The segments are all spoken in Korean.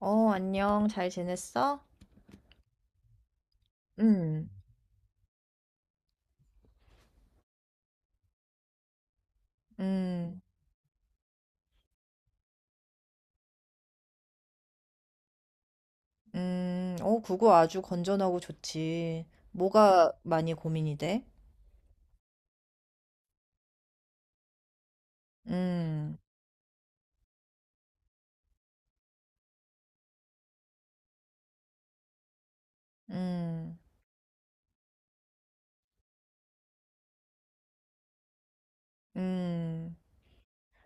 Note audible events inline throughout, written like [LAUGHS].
어, 안녕. 잘 지냈어? 음, 음, 어, 그거 아주 건전하고 좋지. 뭐가 많이 고민이 돼? 음, 음, 음.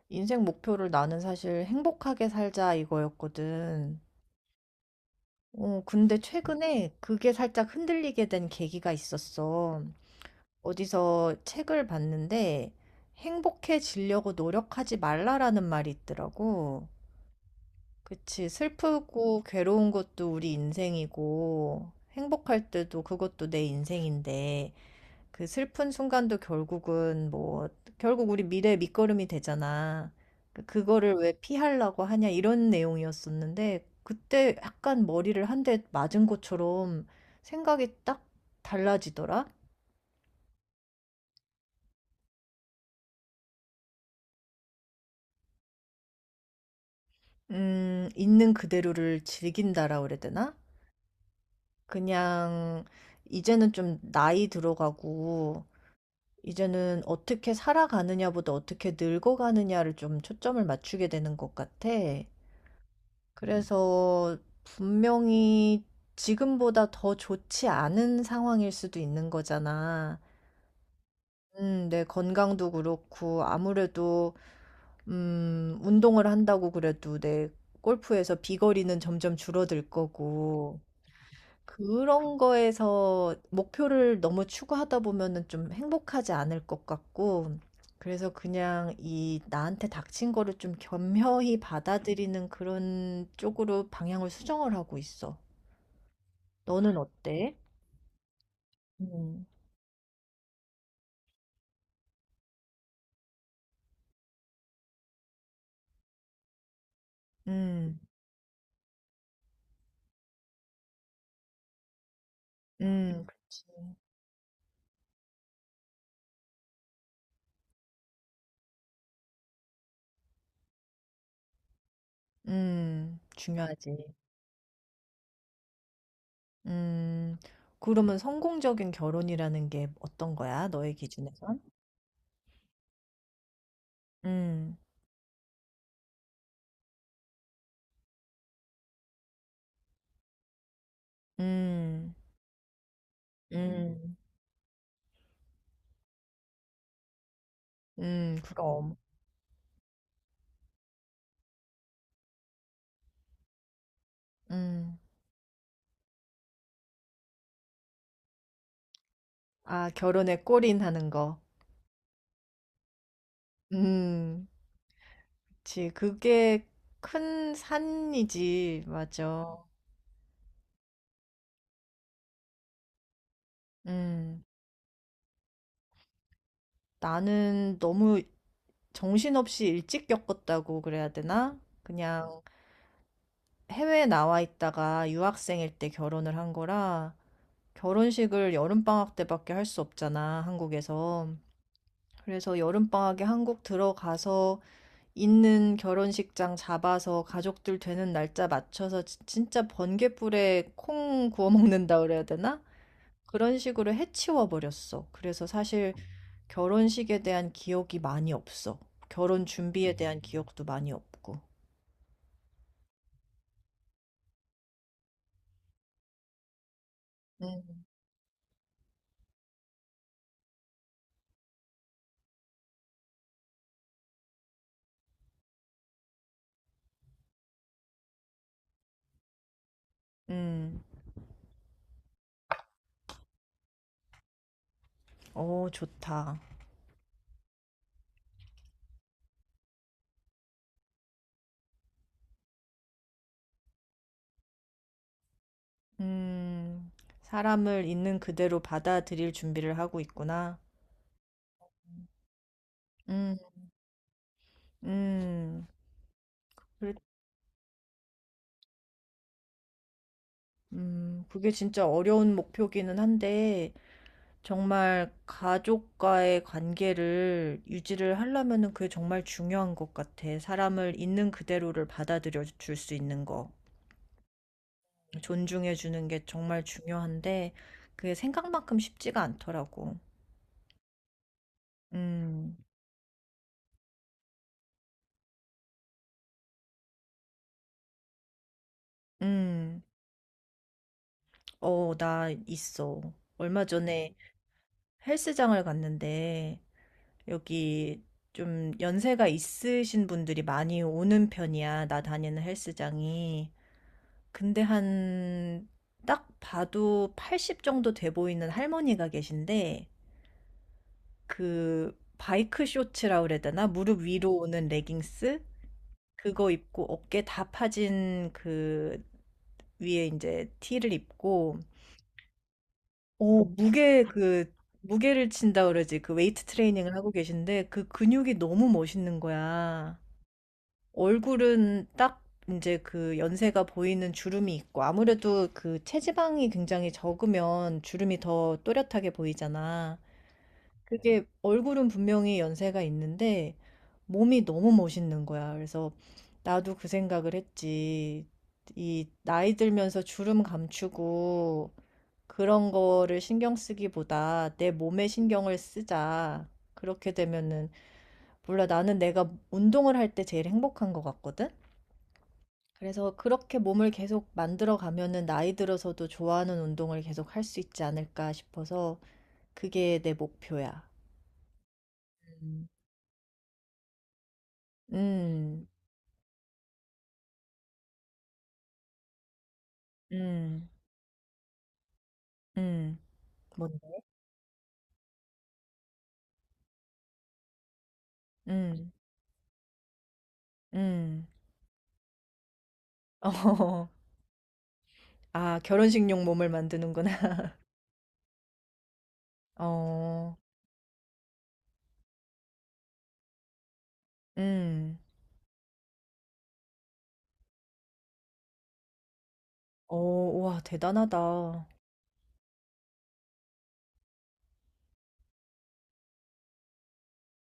인생 목표를 나는 사실 행복하게 살자 이거였거든. 어, 근데 최근에 그게 살짝 흔들리게 된 계기가 있었어. 어디서 책을 봤는데 행복해지려고 노력하지 말라라는 말이 있더라고. 그치. 슬프고 괴로운 것도 우리 인생이고, 행복할 때도 그것도 내 인생인데, 그 슬픈 순간도 결국은 뭐, 결국 우리 미래의 밑거름이 되잖아. 그거를 왜 피하려고 하냐, 이런 내용이었었는데, 그때 약간 머리를 한 대 맞은 것처럼 생각이 딱 달라지더라? 있는 그대로를 즐긴다라 그래야 되나? 그냥, 이제는 좀 나이 들어가고, 이제는 어떻게 살아가느냐보다 어떻게 늙어가느냐를 좀 초점을 맞추게 되는 것 같아. 그래서 분명히 지금보다 더 좋지 않은 상황일 수도 있는 거잖아. 내 건강도 그렇고, 아무래도, 운동을 한다고 그래도 내 골프에서 비거리는 점점 줄어들 거고, 그런 거에서 목표를 너무 추구하다 보면은 좀 행복하지 않을 것 같고, 그래서 그냥 이 나한테 닥친 거를 좀 겸허히 받아들이는 그런 쪽으로 방향을 수정을 하고 있어. 너는 어때? 음, 음, 그치. 중요하지. 음, 그러면 성공적인 결혼이라는 게 어떤 거야? 너의 기준에선? 음, 음, 음, 그럼. 음. 아, 결혼에 골인하는 거. 음, 그치. 그게 큰 산이지. 맞아. 음, 나는 너무 정신없이 일찍 겪었다고 그래야 되나? 그냥 해외에 나와 있다가 유학생일 때 결혼을 한 거라 결혼식을 여름방학 때밖에 할 수 없잖아, 한국에서. 그래서 여름방학에 한국 들어가서 있는 결혼식장 잡아서 가족들 되는 날짜 맞춰서 진짜 번개불에 콩 구워 먹는다 그래야 되나? 그런 식으로 해치워 버렸어. 그래서 사실 결혼식에 대한 기억이 많이 없어. 결혼 준비에 대한 기억도 많이 없고. 음, 음, 오, 좋다. 음, 사람을 있는 그대로 받아들일 준비를 하고 있구나. 음, 음, 그래, 그게 진짜 어려운 목표기는 한데, 정말 가족과의 관계를 유지를 하려면은 그게 정말 중요한 것 같아. 사람을 있는 그대로를 받아들여 줄 수 있는 거. 존중해 주는 게 정말 중요한데, 그게 생각만큼 쉽지가 않더라고. 음, 음, 어, 나 있어. 얼마 전에 헬스장을 갔는데, 여기 좀 연세가 있으신 분들이 많이 오는 편이야. 나 다니는 헬스장이. 근데 한 딱 봐도 80 정도 돼 보이는 할머니가 계신데 그 바이크 쇼츠라 그래야 되나? 무릎 위로 오는 레깅스? 그거 입고 어깨 다 파진 그 위에 이제 티를 입고 오 무게 그 무게를 친다 그러지. 그 웨이트 트레이닝을 하고 계신데 그 근육이 너무 멋있는 거야. 얼굴은 딱 이제 그 연세가 보이는 주름이 있고 아무래도 그 체지방이 굉장히 적으면 주름이 더 또렷하게 보이잖아. 그게 얼굴은 분명히 연세가 있는데 몸이 너무 멋있는 거야. 그래서 나도 그 생각을 했지. 이 나이 들면서 주름 감추고 그런 거를 신경 쓰기보다 내 몸에 신경을 쓰자. 그렇게 되면은 몰라 나는 내가 운동을 할 때 제일 행복한 것 같거든. 그래서 그렇게 몸을 계속 만들어 가면은 나이 들어서도 좋아하는 운동을 계속 할 수 있지 않을까 싶어서 그게 내 목표야. 음. 음, 음, 음, 뭔데? 음, 음. [LAUGHS] 어, 아, 결혼식용 몸을 만드는구나. [LAUGHS] 어, 음, 어, 와, 대단하다.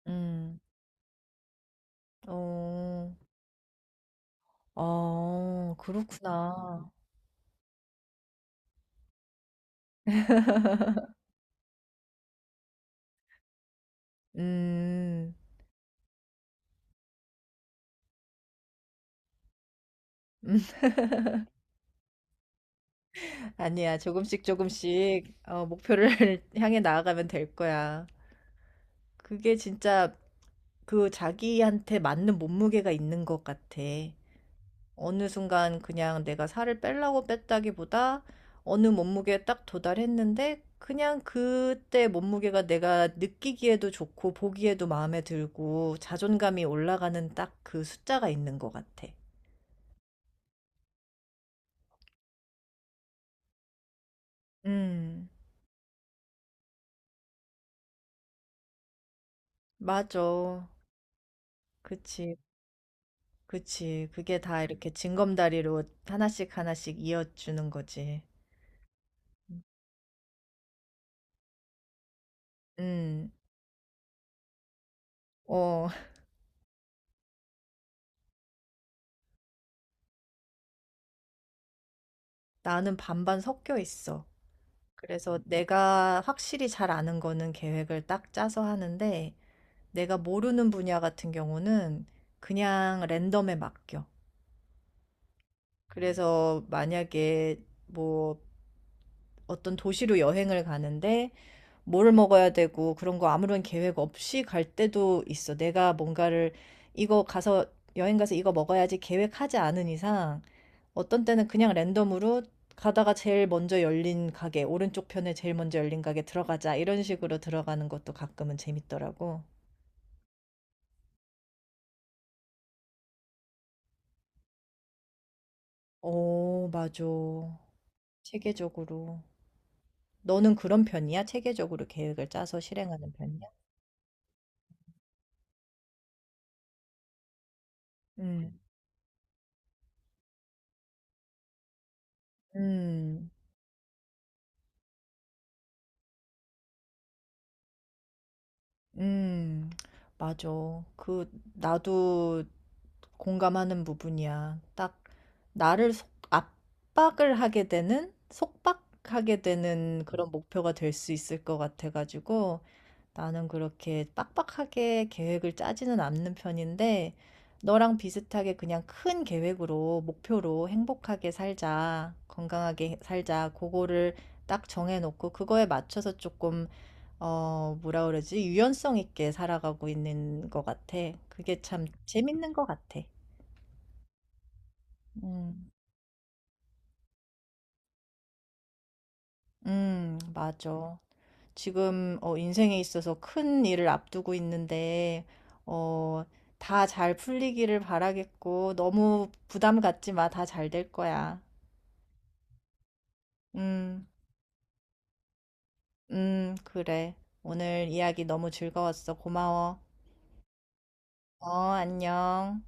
음, 어, 어, 그렇구나. 음, [LAUGHS] 아니야, 조금씩 조금씩 어, 목표를 [LAUGHS] 향해 나아가면 될 거야. 그게 진짜 그 자기한테 맞는 몸무게가 있는 것 같아. 어느 순간 그냥 내가 살을 빼려고 뺐다기보다 어느 몸무게에 딱 도달했는데 그냥 그때 몸무게가 내가 느끼기에도 좋고 보기에도 마음에 들고 자존감이 올라가는 딱 그 숫자가 있는 것 같아. 음, 맞아. 그치. 그치. 그게 다 이렇게 징검다리로 하나씩 하나씩 이어주는 거지. 음, 어, [LAUGHS] 나는 반반 섞여 있어. 그래서 내가 확실히 잘 아는 거는 계획을 딱 짜서 하는데, 내가 모르는 분야 같은 경우는 그냥 랜덤에 맡겨. 그래서 만약에 뭐 어떤 도시로 여행을 가는데 뭐를 먹어야 되고 그런 거 아무런 계획 없이 갈 때도 있어. 내가 뭔가를 이거 가서 여행 가서 이거 먹어야지 계획하지 않은 이상 어떤 때는 그냥 랜덤으로 가다가 제일 먼저 열린 가게, 오른쪽 편에 제일 먼저 열린 가게 들어가자 이런 식으로 들어가는 것도 가끔은 재밌더라고. 오, 맞아. 체계적으로. 너는 그런 편이야? 체계적으로 계획을 짜서 실행하는 편이야? 음. 음. 음, 맞아. 그, 나도 공감하는 부분이야. 딱, 나를 압박을 하게 되는, 속박하게 되는 그런 목표가 될 수 있을 것 같아가지고, 나는 그렇게 빡빡하게 계획을 짜지는 않는 편인데, 너랑 비슷하게 그냥 큰 계획으로, 목표로 행복하게 살자, 건강하게 살자, 그거를 딱 정해놓고, 그거에 맞춰서 조금 어, 뭐라 그러지? 유연성 있게 살아가고 있는 것 같아. 그게 참 재밌는 것 같아. 음, 맞아. 지금 어, 인생에 있어서 큰 일을 앞두고 있는데, 어, 다 잘 풀리기를 바라겠고, 너무 부담 갖지 마. 다 잘 될 거야. 음, 그래. 오늘 이야기 너무 즐거웠어. 고마워. 어, 안녕.